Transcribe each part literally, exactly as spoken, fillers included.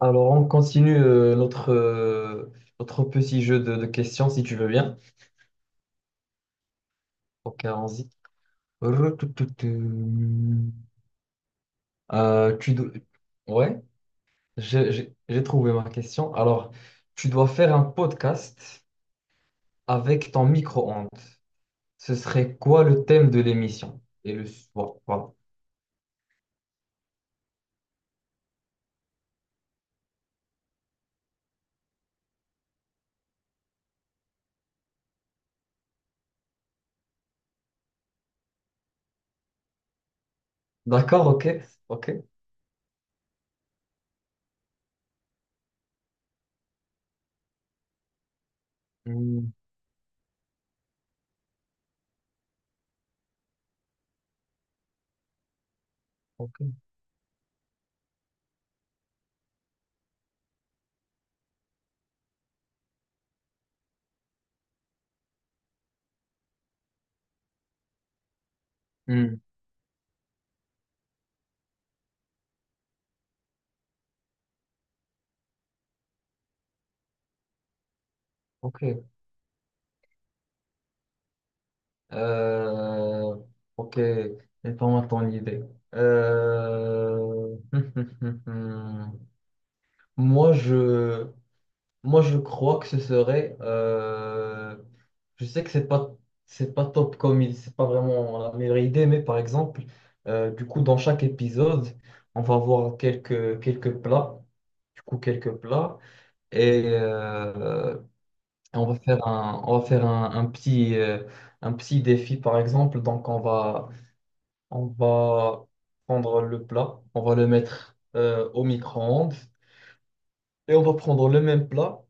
Alors, on continue euh, notre, euh, notre petit jeu de, de questions, si tu veux bien. Ok, allons-y. Retoutoutoutou. Euh, tu dois- Ouais, j'ai j'ai- j'ai trouvé ma question. Alors, tu dois faire un podcast avec ton micro-ondes. Ce serait quoi le thème de l'émission? Et le... Bon, voilà, voilà. D'accord, ok, ok. Hmm, ok. Hmm, ok. Euh, ok, donne-moi ton idée. Euh, Moi, je, moi, je crois que ce serait. Euh, je sais que c'est pas, c'est pas top comme il, c'est pas vraiment la meilleure idée, mais par exemple, euh, du coup, dans chaque épisode, on va voir quelques, quelques plats, du coup, quelques plats, et euh, on va faire un, on va faire un, un petit, euh, un petit défi, par exemple. Donc, on va on va prendre le plat, on va le mettre euh, au micro-ondes et on va prendre le même plat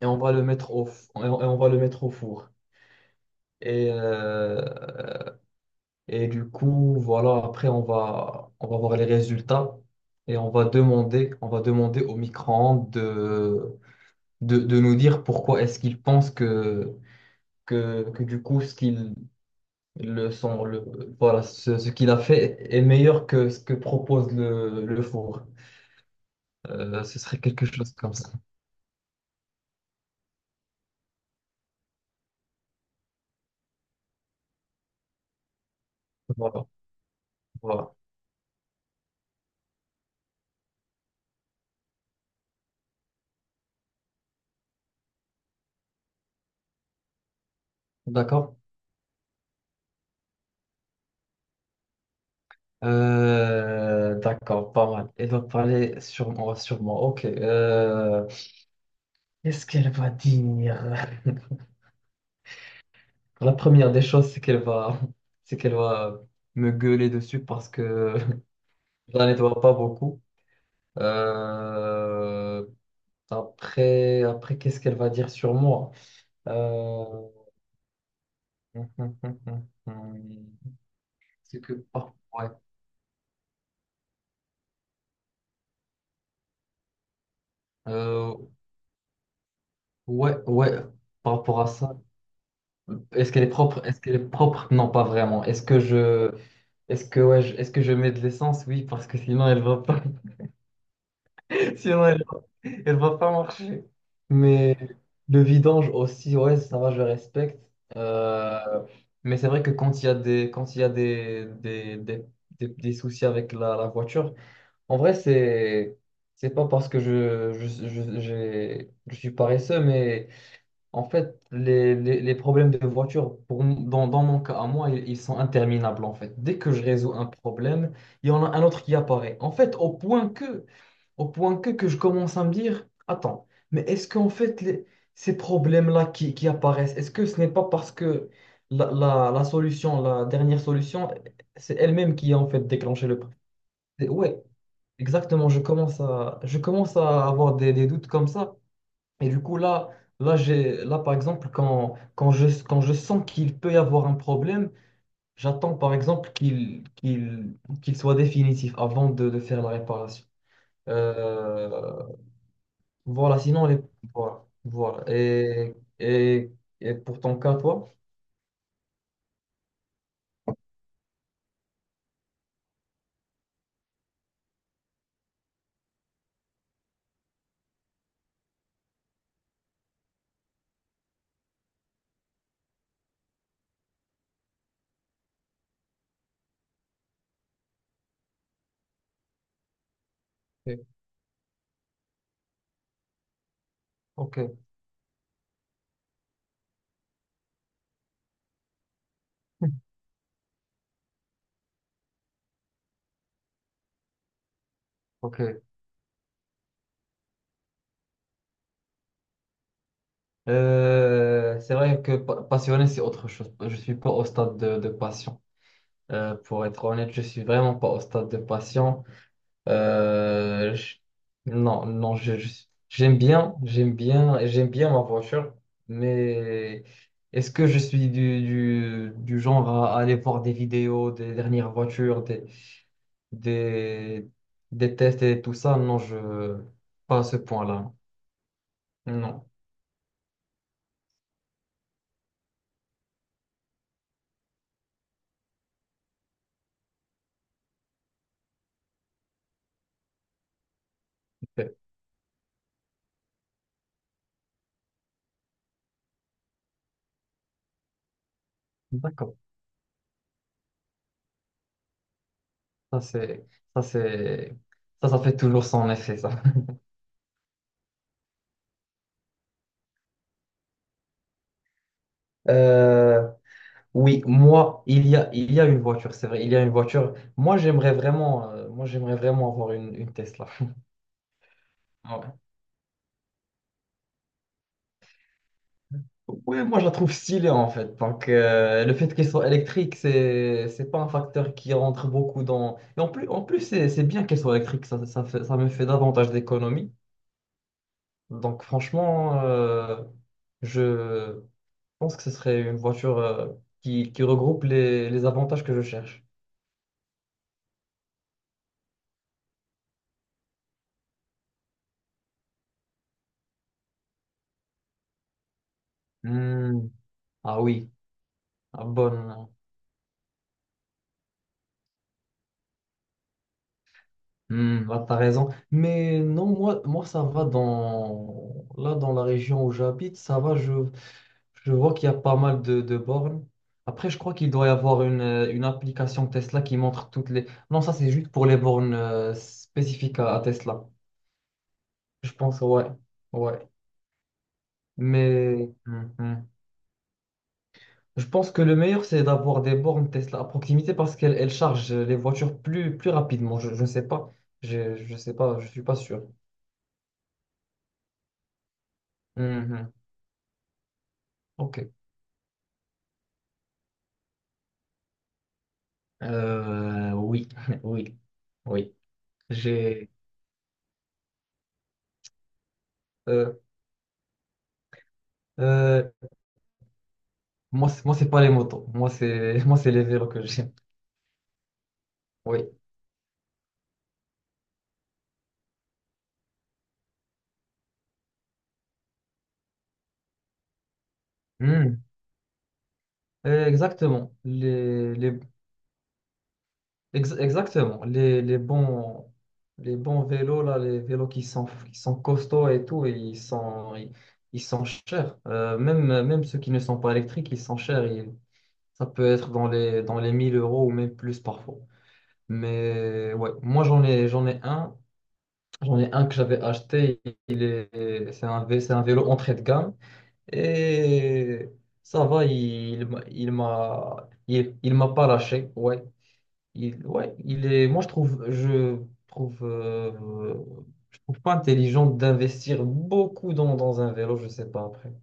et on va le mettre au, f- et on, et on va le mettre au four. Et, euh, et du coup, voilà, après on va, on va voir les résultats et on va demander, on va demander au micro-ondes de, de, de nous dire pourquoi est-ce qu'il pense que, que, que du coup ce qu'il le son, le, voilà, ce, ce qu'il a fait est meilleur que ce que propose le, le four. Euh, ce serait quelque chose comme ça. Voilà. Voilà. D'accord. Euh, d'accord, pas mal. Elle va parler sur moi, sur moi. Ok. Euh, qu'est-ce qu'elle va dire? La première des choses, c'est qu'elle va, c'est qu'elle va me gueuler dessus parce que je la nettoie pas beaucoup. Euh, après, après, qu'est-ce qu'elle va dire sur moi? Euh, c'est que, par- ouais. Euh, ouais, ouais, par rapport à ça. Est-ce qu'elle est propre? Est-ce qu'elle est propre? Non, pas vraiment. Est-ce que je, est-ce que ouais, je- est-ce que je mets de l'essence? Oui, parce que sinon elle va pas, sinon elle va, elle va pas marcher. Mais le vidange aussi, ouais, ça va, je respecte. Euh, mais c'est vrai que quand il y a des, quand il y a des, des, des, des- des soucis avec la, la voiture, en vrai, c'est, c'est pas parce que je, je, je, j'ai- je suis paresseux, mais en fait, les, les- les problèmes de voiture, pour, m- dans, dans mon cas à moi, ils, ils sont interminables en fait. Dès que je résous un problème, il y en a un autre qui apparaît. En fait, au point que, au point que, que je commence à me dire, attends, mais est-ce qu'en fait, les- ces problèmes-là qui, qui apparaissent, est-ce que ce n'est pas parce que la, la- la solution, la dernière solution, c'est elle-même qui a en fait déclenché le problème? Et ouais, exactement, je commence à, je commence à avoir des des doutes comme ça. Et du coup, là, là, j'ai, là par exemple, quand, quand je, quand je sens qu'il peut y avoir un problème, j'attends, par exemple, qu'il qu'il, qu'il soit définitif avant de, de faire la réparation. Euh, voilà, sinon, les, voilà, voilà. Et, et, et pour ton cas, toi? Ok, ok. Ok. Euh, c'est vrai que pa- passionné, c'est autre chose. Je suis pas au stade de, de passion. Euh, pour être honnête, je suis vraiment pas au stade de passion. Euh, je- Non, non, je, je- j'aime bien, j'aime bien, j'aime bien ma voiture, mais est-ce que je suis du, du, du genre à aller voir des vidéos des dernières voitures, des, des, des tests et tout ça? Non, je, pas à ce point-là. Non. Ok. D'accord. Ça, c'est, ça, c'est, ça, ça fait toujours son effet, ça. Euh, Oui, moi, il y a, il y a une voiture, c'est vrai, il y a une voiture. Moi, j'aimerais vraiment, euh, moi, j'aimerais vraiment avoir une, une Tesla. Ouais. Ouais, moi, je la trouve stylée, en fait. Donc, euh, le fait qu'elle soit électrique, c'est, c'est pas un facteur qui rentre beaucoup dans... Et en plus, en plus c'est, c'est bien qu'elle soit électrique, ça, ça fait- ça me fait davantage d'économies. Donc, franchement, euh, je pense que ce serait une voiture, euh, qui, qui regroupe les, les avantages que je cherche. Hmm. Ah oui, ah, bonne. Hmm, là, t'as raison. Mais non, moi, moi, ça va dans... Là, dans la région où j'habite, ça va, je, je vois qu'il y a pas mal de, de bornes. Après, je crois qu'il doit y avoir une, euh, une application Tesla qui montre toutes les... Non, ça, c'est juste pour les bornes euh, spécifiques à, à Tesla. Je pense, ouais. Ouais. Mais hmm, hmm. Je pense que le meilleur, c'est d'avoir des bornes Tesla à proximité parce qu'elles elles chargent les voitures plus, plus rapidement. Je ne sais pas. Je ne sais pas. Je suis pas sûr. Hmm, hmm. Ok. Euh, oui, oui, oui. J'ai. euh, euh, moi, c'est- moi, c'est pas les motos. Moi, c'est moi, c'est les vélos que j'aime. Oui. Hmm. Euh, exactement. Les, les, ex- exactement. Les, les bons, les bons vélos là, les vélos qui sont qui sont costauds et tout, et ils sont ils, ils sont chers. Euh, même même ceux qui ne sont pas électriques, ils sont chers. Ils- ça peut être dans les dans les mille euros ou même plus parfois. Mais ouais, moi j'en ai j'en ai un. J'en ai un que j'avais acheté, il est, c'est un, vé- c'est un vélo entrée de gamme et ça va, il, m'a- il m'a il, il m'a pas lâché, ouais. Il, ouais, il est, moi je trouve, je trouve, euh, je trouve pas intelligent d'investir beaucoup dans, dans un vélo, je sais pas après.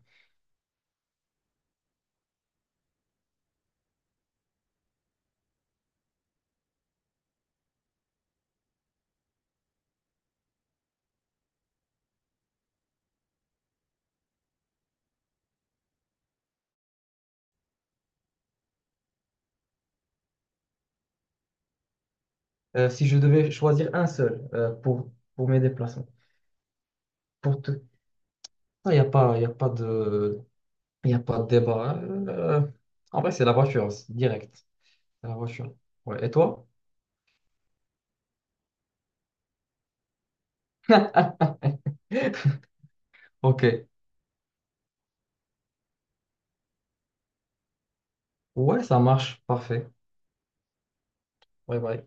Euh, si je devais choisir un seul euh, pour, pour mes déplacements, pour tout, il y a pas, y a pas de, y a pas de débat, hein. Euh, en vrai, c'est la voiture, c'est direct. La voiture. Ouais. Et toi? Ok. Ouais, ça marche. Parfait. Ouais, bah,